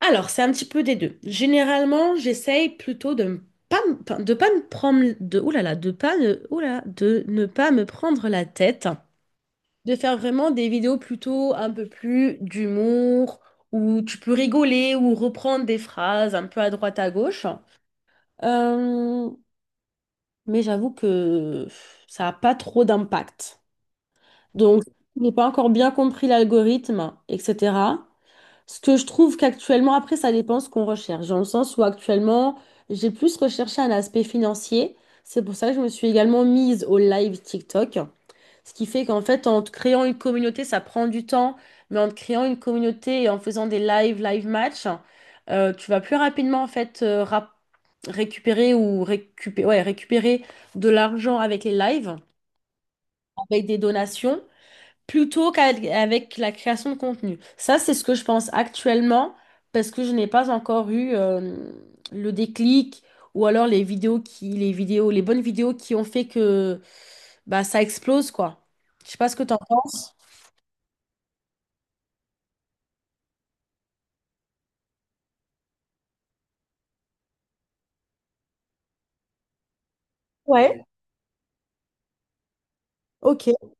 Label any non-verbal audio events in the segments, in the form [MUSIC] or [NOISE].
Alors, c'est un petit peu des deux. Généralement, j'essaye plutôt pas de pas me prendre de, ouh là là, de pas ne- ouh là, de ne pas me prendre la tête, de faire vraiment des vidéos plutôt un peu plus d'humour, où tu peux rigoler ou reprendre des phrases un peu à droite à gauche. Euh, mais j'avoue que ça n'a pas trop d'impact. Donc, je n'ai pas encore bien compris l'algorithme, etc. Ce que je trouve qu'actuellement, après, ça dépend ce qu'on recherche, dans le sens où actuellement, j'ai plus recherché un aspect financier. C'est pour ça que je me suis également mise au live TikTok. Ce qui fait qu'en fait, en te créant une communauté, ça prend du temps, mais en te créant une communauté et en faisant des live match, tu vas plus rapidement en fait récupérer ouais, récupérer de l'argent avec les lives, avec des donations plutôt qu'avec la création de contenu. Ça, c'est ce que je pense actuellement parce que je n'ai pas encore eu le déclic ou alors les bonnes vidéos qui ont fait que bah, ça explose, quoi. Je sais pas ce que t'en penses. Ouais, ok.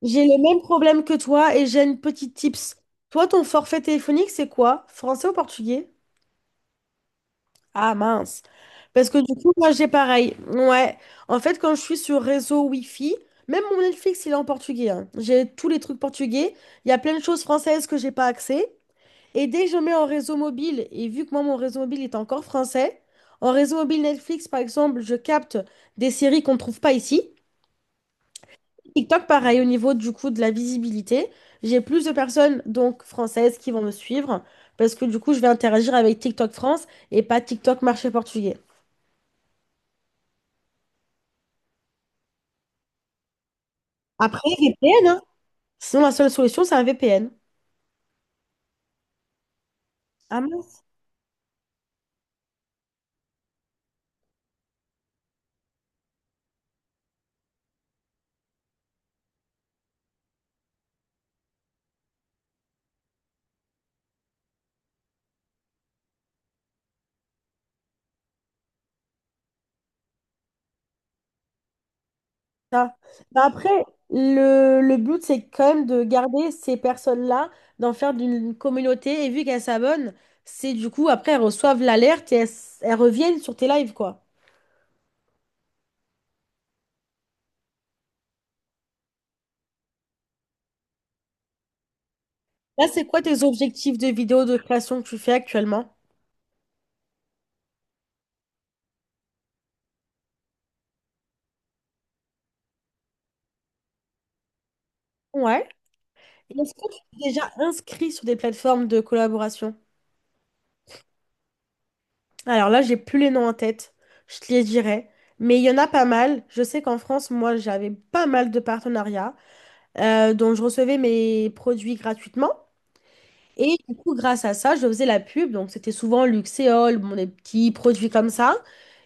J'ai le même problème que toi et j'ai une petite tips. Toi, ton forfait téléphonique, c'est quoi? Français ou portugais? Ah mince. Parce que du coup, moi j'ai pareil. Ouais. En fait, quand je suis sur réseau Wi-Fi, même mon Netflix, il est en portugais, hein. J'ai tous les trucs portugais. Il y a plein de choses françaises que j'ai pas accès. Et dès que je mets en réseau mobile, et vu que moi mon réseau mobile est encore français, en réseau mobile Netflix, par exemple, je capte des séries qu'on ne trouve pas ici. TikTok, pareil, au niveau du coup de la visibilité, j'ai plus de personnes donc françaises qui vont me suivre. Parce que du coup, je vais interagir avec TikTok France et pas TikTok marché portugais. Après, VPN, hein. Sinon, la seule solution, c'est un VPN. Ah mince, ça. Bah, après, le but, c'est quand même de garder ces personnes-là, d'en faire d'une communauté. Et vu qu'elles s'abonnent, c'est du coup, après, elles reçoivent l'alerte et elles, elles reviennent sur tes lives, quoi. Là, c'est quoi tes objectifs de vidéos de création que tu fais actuellement? Ouais. Et est-ce que tu es déjà inscrit sur des plateformes de collaboration? Alors là, j'ai plus les noms en tête, je te les dirai. Mais il y en a pas mal. Je sais qu'en France, moi, j'avais pas mal de partenariats dont je recevais mes produits gratuitement. Et du coup, grâce à ça, je faisais la pub. Donc, c'était souvent Luxéol, bon, des petits produits comme ça.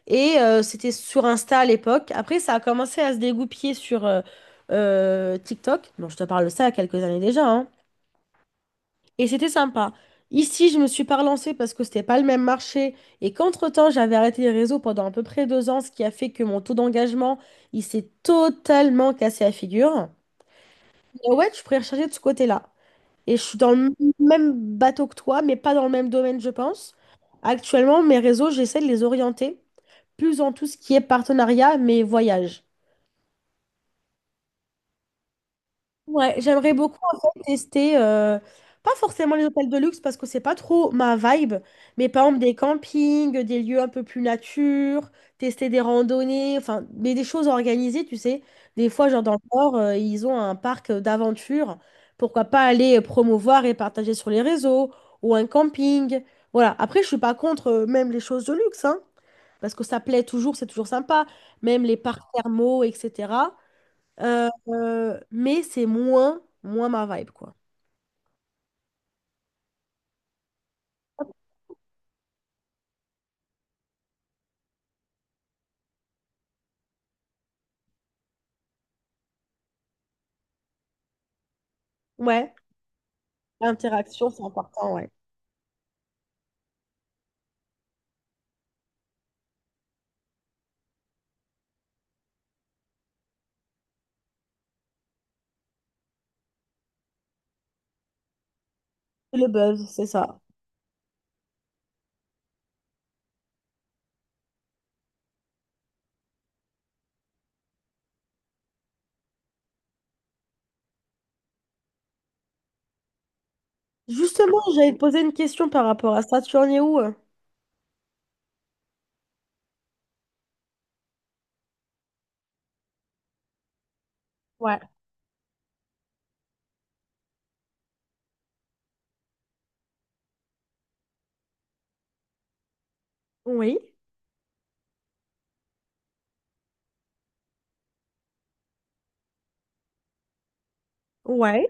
Et c'était sur Insta à l'époque. Après, ça a commencé à se dégoupiller sur TikTok. Bon, je te parle de ça il y a quelques années déjà, hein. Et c'était sympa. Ici, je me suis pas relancée parce que c'était pas le même marché et qu'entre-temps, j'avais arrêté les réseaux pendant à peu près 2 ans, ce qui a fait que mon taux d'engagement, il s'est totalement cassé la figure. Mais ouais, je pourrais recharger de ce côté-là. Et je suis dans le même bateau que toi, mais pas dans le même domaine, je pense. Actuellement, mes réseaux, j'essaie de les orienter plus en tout ce qui est partenariat, mais voyage. Ouais, j'aimerais beaucoup en fait tester, pas forcément les hôtels de luxe parce que c'est pas trop ma vibe, mais par exemple des campings, des lieux un peu plus nature, tester des randonnées, enfin, mais des choses organisées, tu sais. Des fois, genre dans le Nord, ils ont un parc d'aventure, pourquoi pas aller promouvoir et partager sur les réseaux, ou un camping. Voilà, après, je suis pas contre même les choses de luxe, hein, parce que ça plaît toujours, c'est toujours sympa, même les parcs thermaux, etc. Mais c'est moins, moins ma vibe, quoi. Ouais, l'interaction, c'est important, ouais. C'est le buzz, c'est ça. Justement, j'allais te poser une question par rapport à ça. Tu en es où? Ouais. Oui, ouais.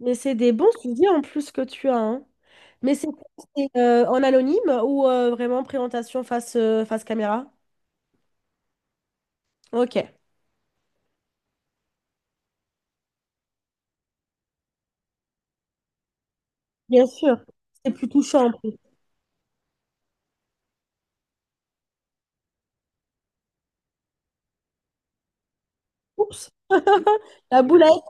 Mais c'est des bons sujets en plus que tu as, hein. Mais c'est quoi, en anonyme ou vraiment présentation face, face caméra? Ok. Bien sûr. C'est plus touchant. Oups. [LAUGHS] La boulette.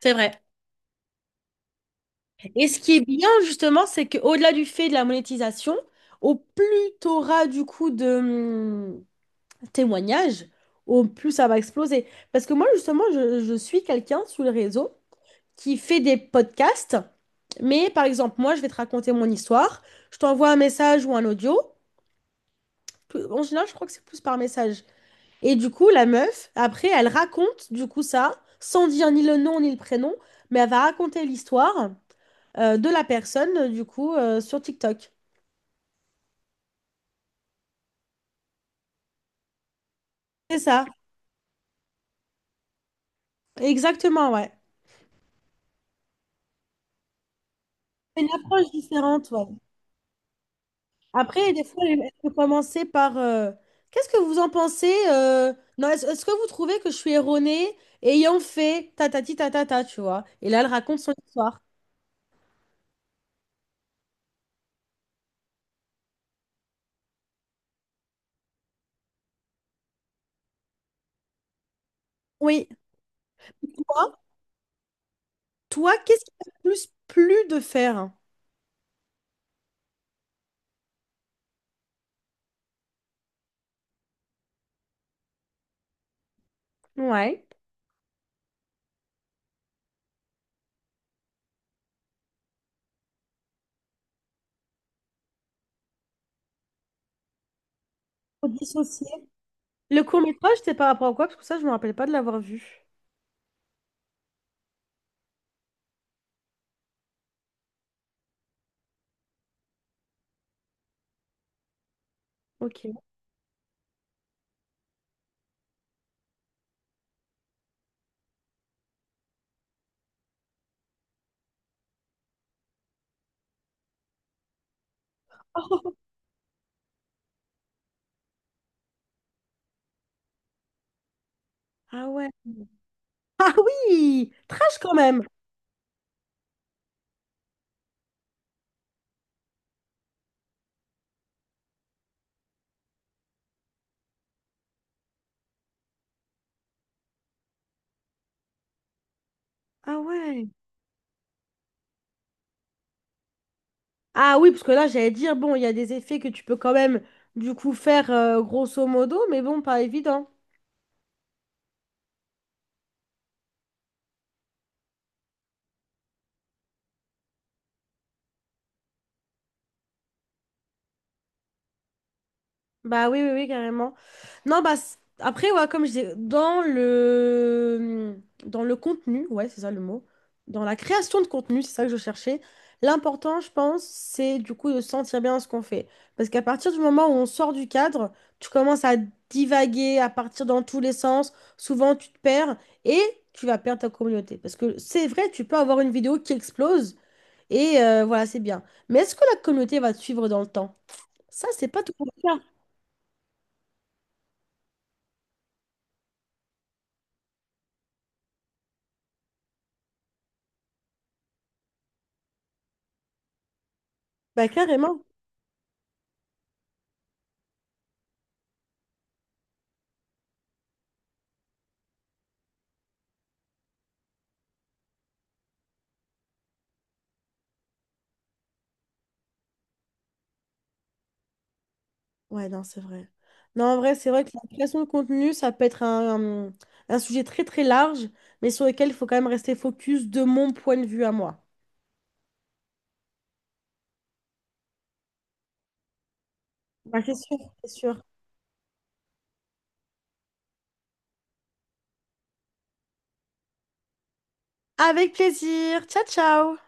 C'est vrai. Et ce qui est bien, justement, c'est qu'au-delà du fait de la monétisation, au plus t'auras du coup de témoignages, au plus ça va exploser. Parce que moi, justement, je suis quelqu'un sur les réseaux qui fait des podcasts, mais par exemple, moi, je vais te raconter mon histoire, je t'envoie un message ou un audio. En général, je crois que c'est plus par message. Et du coup, la meuf, après, elle raconte du coup ça, sans dire ni le nom ni le prénom, mais elle va raconter l'histoire de la personne, du coup, sur TikTok. C'est ça, exactement, ouais. C'est une approche différente, ouais. Après, des fois, elle peut commencer par Qu'est-ce que vous en pensez Non, est-ce que vous trouvez que je suis erronée ayant fait tatati tatata, tu vois? Et là, elle raconte son histoire. Oui. Et toi, qu'est-ce qui t'a le plus plu de faire? Ouais. Faut dissocier. Le court-métrage, c'était par rapport à quoi? Parce que ça, je me rappelle pas de l'avoir vu. Ok. [LAUGHS] Ah ouais. Ah oui, trash quand même. Ah ouais. Ah oui, parce que là, j'allais dire, bon, il y a des effets que tu peux quand même, du coup, faire grosso modo, mais bon, pas évident. Bah oui, oui, oui, carrément. Non, après, ouais, comme je dis, dans le, contenu, ouais, c'est ça le mot, dans la création de contenu, c'est ça que je cherchais, l'important, je pense, c'est du coup de se sentir bien dans ce qu'on fait. Parce qu'à partir du moment où on sort du cadre, tu commences à divaguer, à partir dans tous les sens, souvent tu te perds et tu vas perdre ta communauté. Parce que c'est vrai, tu peux avoir une vidéo qui explose et voilà, c'est bien. Mais est-ce que la communauté va te suivre dans le temps? Ça, c'est pas tout le cas. Bah carrément. Ouais, non, c'est vrai. Non, en vrai, c'est vrai que la création de contenu, ça peut être un sujet très très large, mais sur lequel il faut quand même rester focus de mon point de vue à moi. Bah, c'est sûr, c'est sûr. Avec plaisir. Ciao, ciao!